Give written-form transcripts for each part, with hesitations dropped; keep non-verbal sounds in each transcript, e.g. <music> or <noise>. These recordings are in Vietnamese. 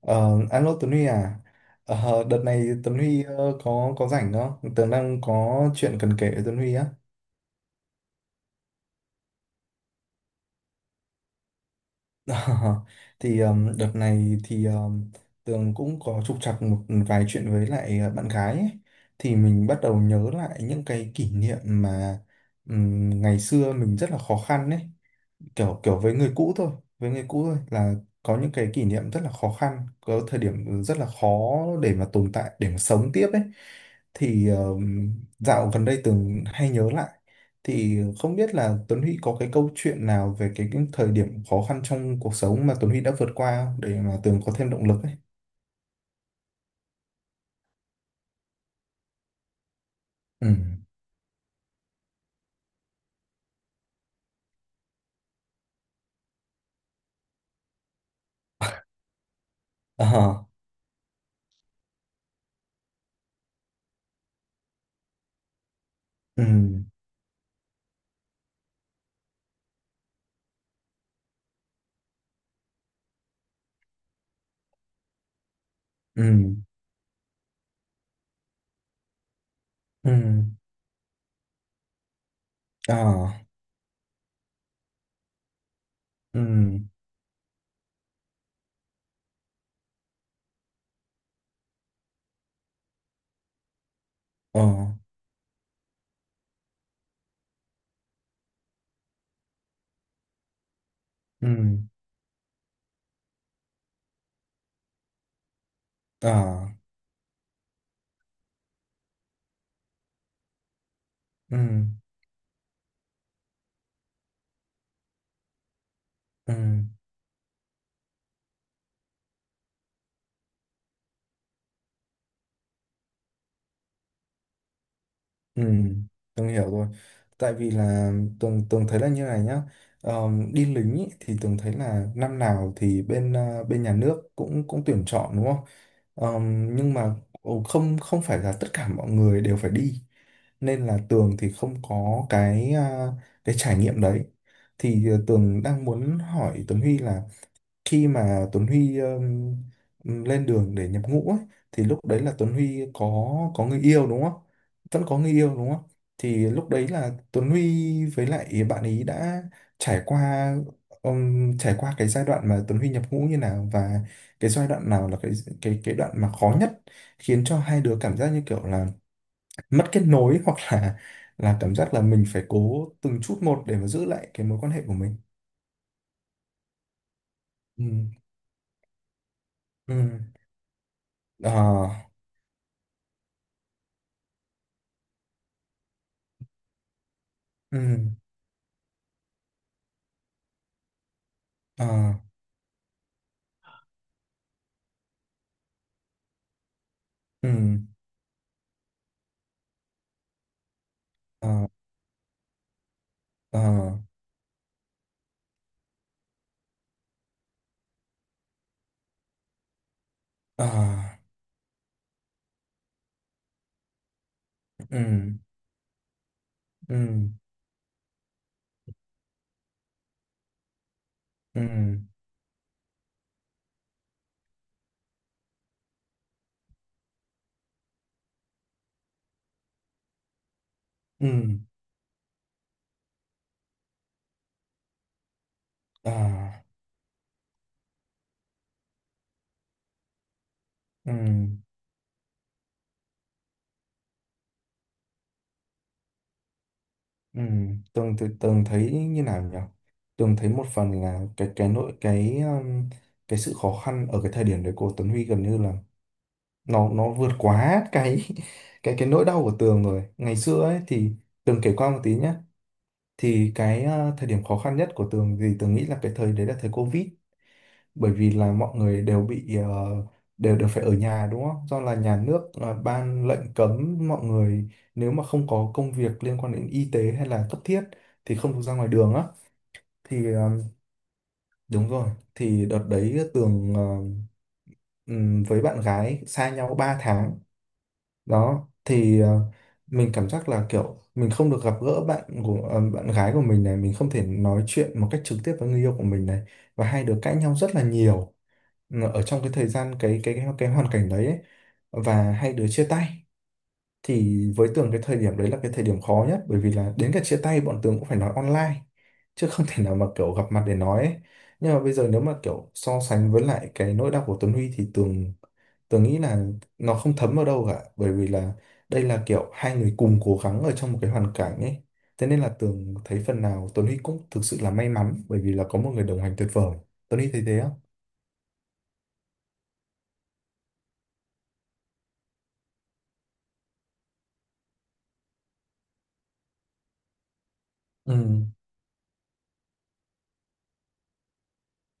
Ờ, Alo Tuấn Huy à? Đợt này Tuấn Huy có rảnh không? Tớ đang có chuyện cần kể với Tuấn Huy á. <laughs> Thì đợt này thì Tường cũng có trục trặc một vài chuyện với lại bạn gái ấy. Thì mình bắt đầu nhớ lại những cái kỷ niệm mà ngày xưa mình rất là khó khăn ấy. Kiểu kiểu với người cũ thôi, là có những cái kỷ niệm rất là khó khăn, có thời điểm rất là khó để mà tồn tại, để mà sống tiếp ấy. Thì dạo gần đây Tường hay nhớ lại, thì không biết là Tuấn Huy có cái câu chuyện nào về cái thời điểm khó khăn trong cuộc sống mà Tuấn Huy đã vượt qua không? Để mà Tường có thêm động lực ấy. Ừ, ờ, ừ, ừ, ừ, ờ, ừ, ờ, ừ, ờ, ừ, ừ. Ừ, Tường hiểu rồi. Tại vì là Tường Tường thấy là như này nhá. Đi lính ý, thì Tường thấy là năm nào thì bên bên nhà nước cũng cũng tuyển chọn đúng không? Nhưng mà không không phải là tất cả mọi người đều phải đi. Nên là Tường thì không có cái trải nghiệm đấy. Thì Tường đang muốn hỏi Tuấn Huy là khi mà Tuấn Huy lên đường để nhập ngũ ấy, thì lúc đấy là Tuấn Huy có người yêu đúng không? Vẫn có người yêu đúng không? Thì lúc đấy là Tuấn Huy với lại bạn ấy đã trải qua trải qua cái giai đoạn mà Tuấn Huy nhập ngũ như nào, và cái giai đoạn nào là cái đoạn mà khó nhất, khiến cho hai đứa cảm giác như kiểu là mất kết nối <laughs> hoặc là cảm giác là mình phải cố từng chút một để mà giữ lại cái mối quan hệ của mình. Ừ. Ừ. Ờ. Ừ. Ờ, ừ, ờ, ờ, ờ, ừ, ừ, ừ, ừ, ờ, ừ, ừ. Tường thì Tường thấy như nào nhỉ? Tường thấy một phần là cái nội cái sự khó khăn ở cái thời điểm đấy của Tuấn Huy gần như là nó vượt quá cái <laughs> cái nỗi đau của Tường rồi ngày xưa ấy, thì Tường kể qua một tí nhé. Thì cái thời điểm khó khăn nhất của Tường thì Tường nghĩ là cái thời đấy là thời Covid, bởi vì là mọi người đều bị ờ, đều đều phải ở nhà đúng không? Do là nhà nước ban lệnh cấm mọi người, nếu mà không có công việc liên quan đến y tế hay là cấp thiết thì không được ra ngoài đường á. Thì đúng rồi, thì đợt đấy Tường với bạn gái xa nhau 3 tháng. Đó, thì mình cảm giác là kiểu mình không được gặp gỡ bạn gái của mình này, mình không thể nói chuyện một cách trực tiếp với người yêu của mình này, và hai đứa cãi nhau rất là nhiều ở trong cái thời gian cái hoàn cảnh đấy ấy, và hai đứa chia tay. Thì với Tường cái thời điểm đấy là cái thời điểm khó nhất, bởi vì là đến cả chia tay bọn Tường cũng phải nói online chứ không thể nào mà kiểu gặp mặt để nói ấy. Nhưng mà bây giờ nếu mà kiểu so sánh với lại cái nỗi đau của Tuấn Huy thì Tường Tường nghĩ là nó không thấm vào đâu cả, bởi vì là đây là kiểu hai người cùng cố gắng ở trong một cái hoàn cảnh ấy. Thế nên là Tường thấy phần nào Tuấn Huy cũng thực sự là may mắn, bởi vì là có một người đồng hành tuyệt vời. Tuấn Huy thấy thế không? Ừ,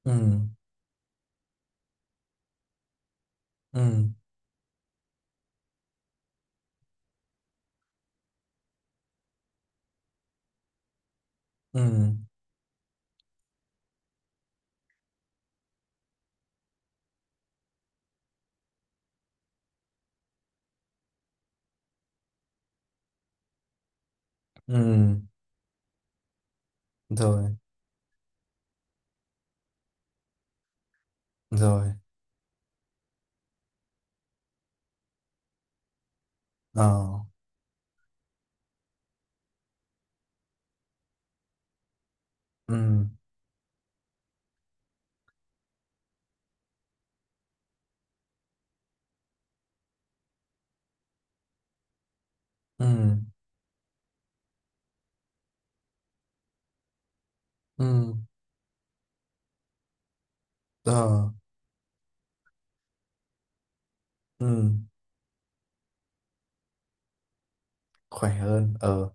ừ. Ừ, ừ, ừ. Rồi, rồi. Ờ, ừ, ừ, ừ, ờ, ừ. Khỏe hơn. Ờ,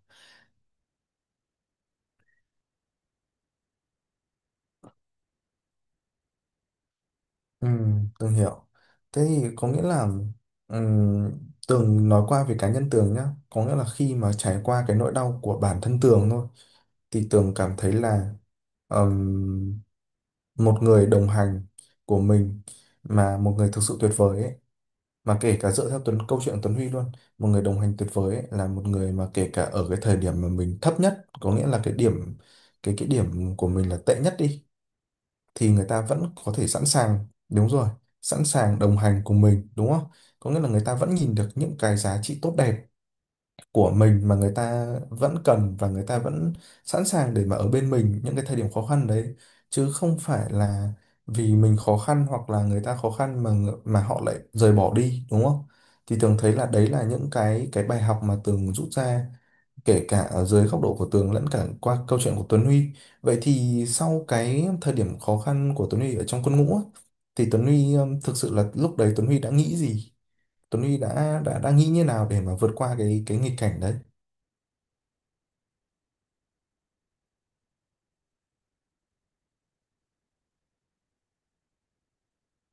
ừ. Tường hiểu. Thế thì có nghĩa là ừ, Tường nói qua về cá nhân Tường nhá, có nghĩa là khi mà trải qua cái nỗi đau của bản thân Tường thôi, thì Tường cảm thấy là ừm, một người đồng hành của mình, mà một người thực sự tuyệt vời ấy, mà kể cả dựa theo câu chuyện của Tuấn Huy luôn, một người đồng hành tuyệt vời ấy, là một người mà kể cả ở cái thời điểm mà mình thấp nhất, có nghĩa là cái điểm, cái điểm của mình là tệ nhất đi, thì người ta vẫn có thể sẵn sàng, đúng rồi, sẵn sàng đồng hành cùng mình đúng không? Có nghĩa là người ta vẫn nhìn được những cái giá trị tốt đẹp của mình mà người ta vẫn cần, và người ta vẫn sẵn sàng để mà ở bên mình những cái thời điểm khó khăn đấy, chứ không phải là vì mình khó khăn hoặc là người ta khó khăn mà mà họ lại rời bỏ đi đúng không? Thì Tường thấy là đấy là những cái bài học mà Tường rút ra, kể cả ở dưới góc độ của Tường lẫn cả qua câu chuyện của Tuấn Huy. Vậy thì sau cái thời điểm khó khăn của Tuấn Huy ở trong quân ngũ á, thì Tuấn Huy thực sự là lúc đấy Tuấn Huy đã nghĩ gì? Tuấn Huy đã nghĩ như nào để mà vượt qua cái nghịch cảnh đấy?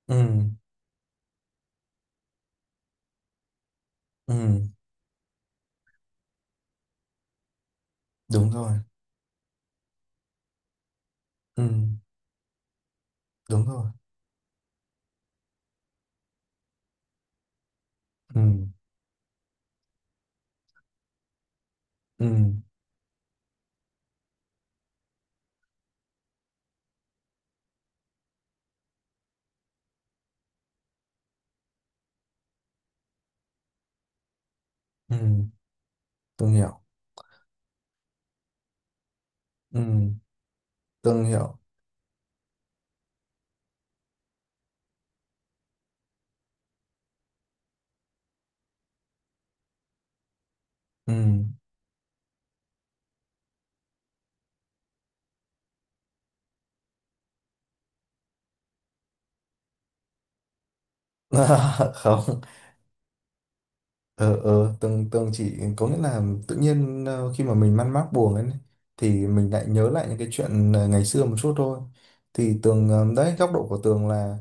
Ừ, ừ. Đúng rồi. Ừ. Đúng rồi. Ừ, ừ, ừ. Tường hiểu. Ừ. Tường hiểu. Ừ. <laughs> Không. Ờ, ờ, tường tường chỉ có nghĩa là tự nhiên khi mà mình man mác buồn ấy, thì mình lại nhớ lại những cái chuyện ngày xưa một chút thôi. Thì Tường đấy, góc độ của Tường là,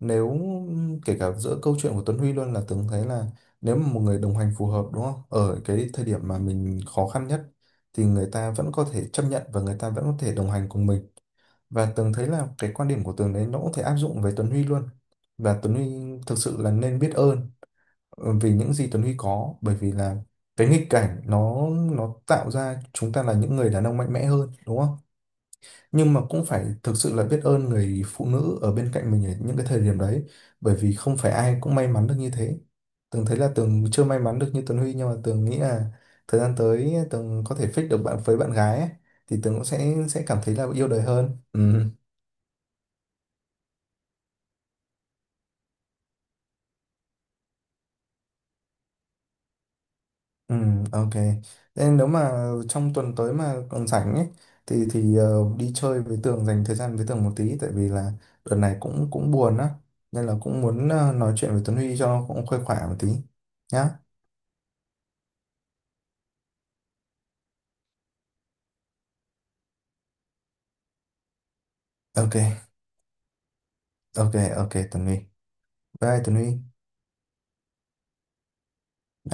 nếu kể cả giữa câu chuyện của Tuấn Huy luôn, là Tường thấy là nếu mà một người đồng hành phù hợp đúng không, ở cái thời điểm mà mình khó khăn nhất, thì người ta vẫn có thể chấp nhận và người ta vẫn có thể đồng hành cùng mình. Và Tường thấy là cái quan điểm của Tường đấy nó cũng thể áp dụng với Tuấn Huy luôn, và Tuấn Huy thực sự là nên biết ơn về những gì Tuấn Huy có, bởi vì là cái nghịch cảnh nó tạo ra chúng ta là những người đàn ông mạnh mẽ hơn đúng không? Nhưng mà cũng phải thực sự là biết ơn người phụ nữ ở bên cạnh mình ở những cái thời điểm đấy, bởi vì không phải ai cũng may mắn được như thế. Tường thấy là Tường chưa may mắn được như Tuấn Huy, nhưng mà Tường nghĩ là thời gian tới Tường có thể fix được bạn với bạn gái ấy, thì Tường cũng sẽ cảm thấy là yêu đời hơn. Ừ. Ừ, ok. Thế nếu mà trong tuần tới mà còn rảnh ấy, thì đi chơi với Tường, dành thời gian với Tường một tí, tại vì là đợt này cũng cũng buồn á, nên là cũng muốn nói chuyện với Tuấn Huy cho nó cũng khuây khỏa một tí nhá. Ok, ok, ok Tuấn Huy. Bye Tuấn Huy.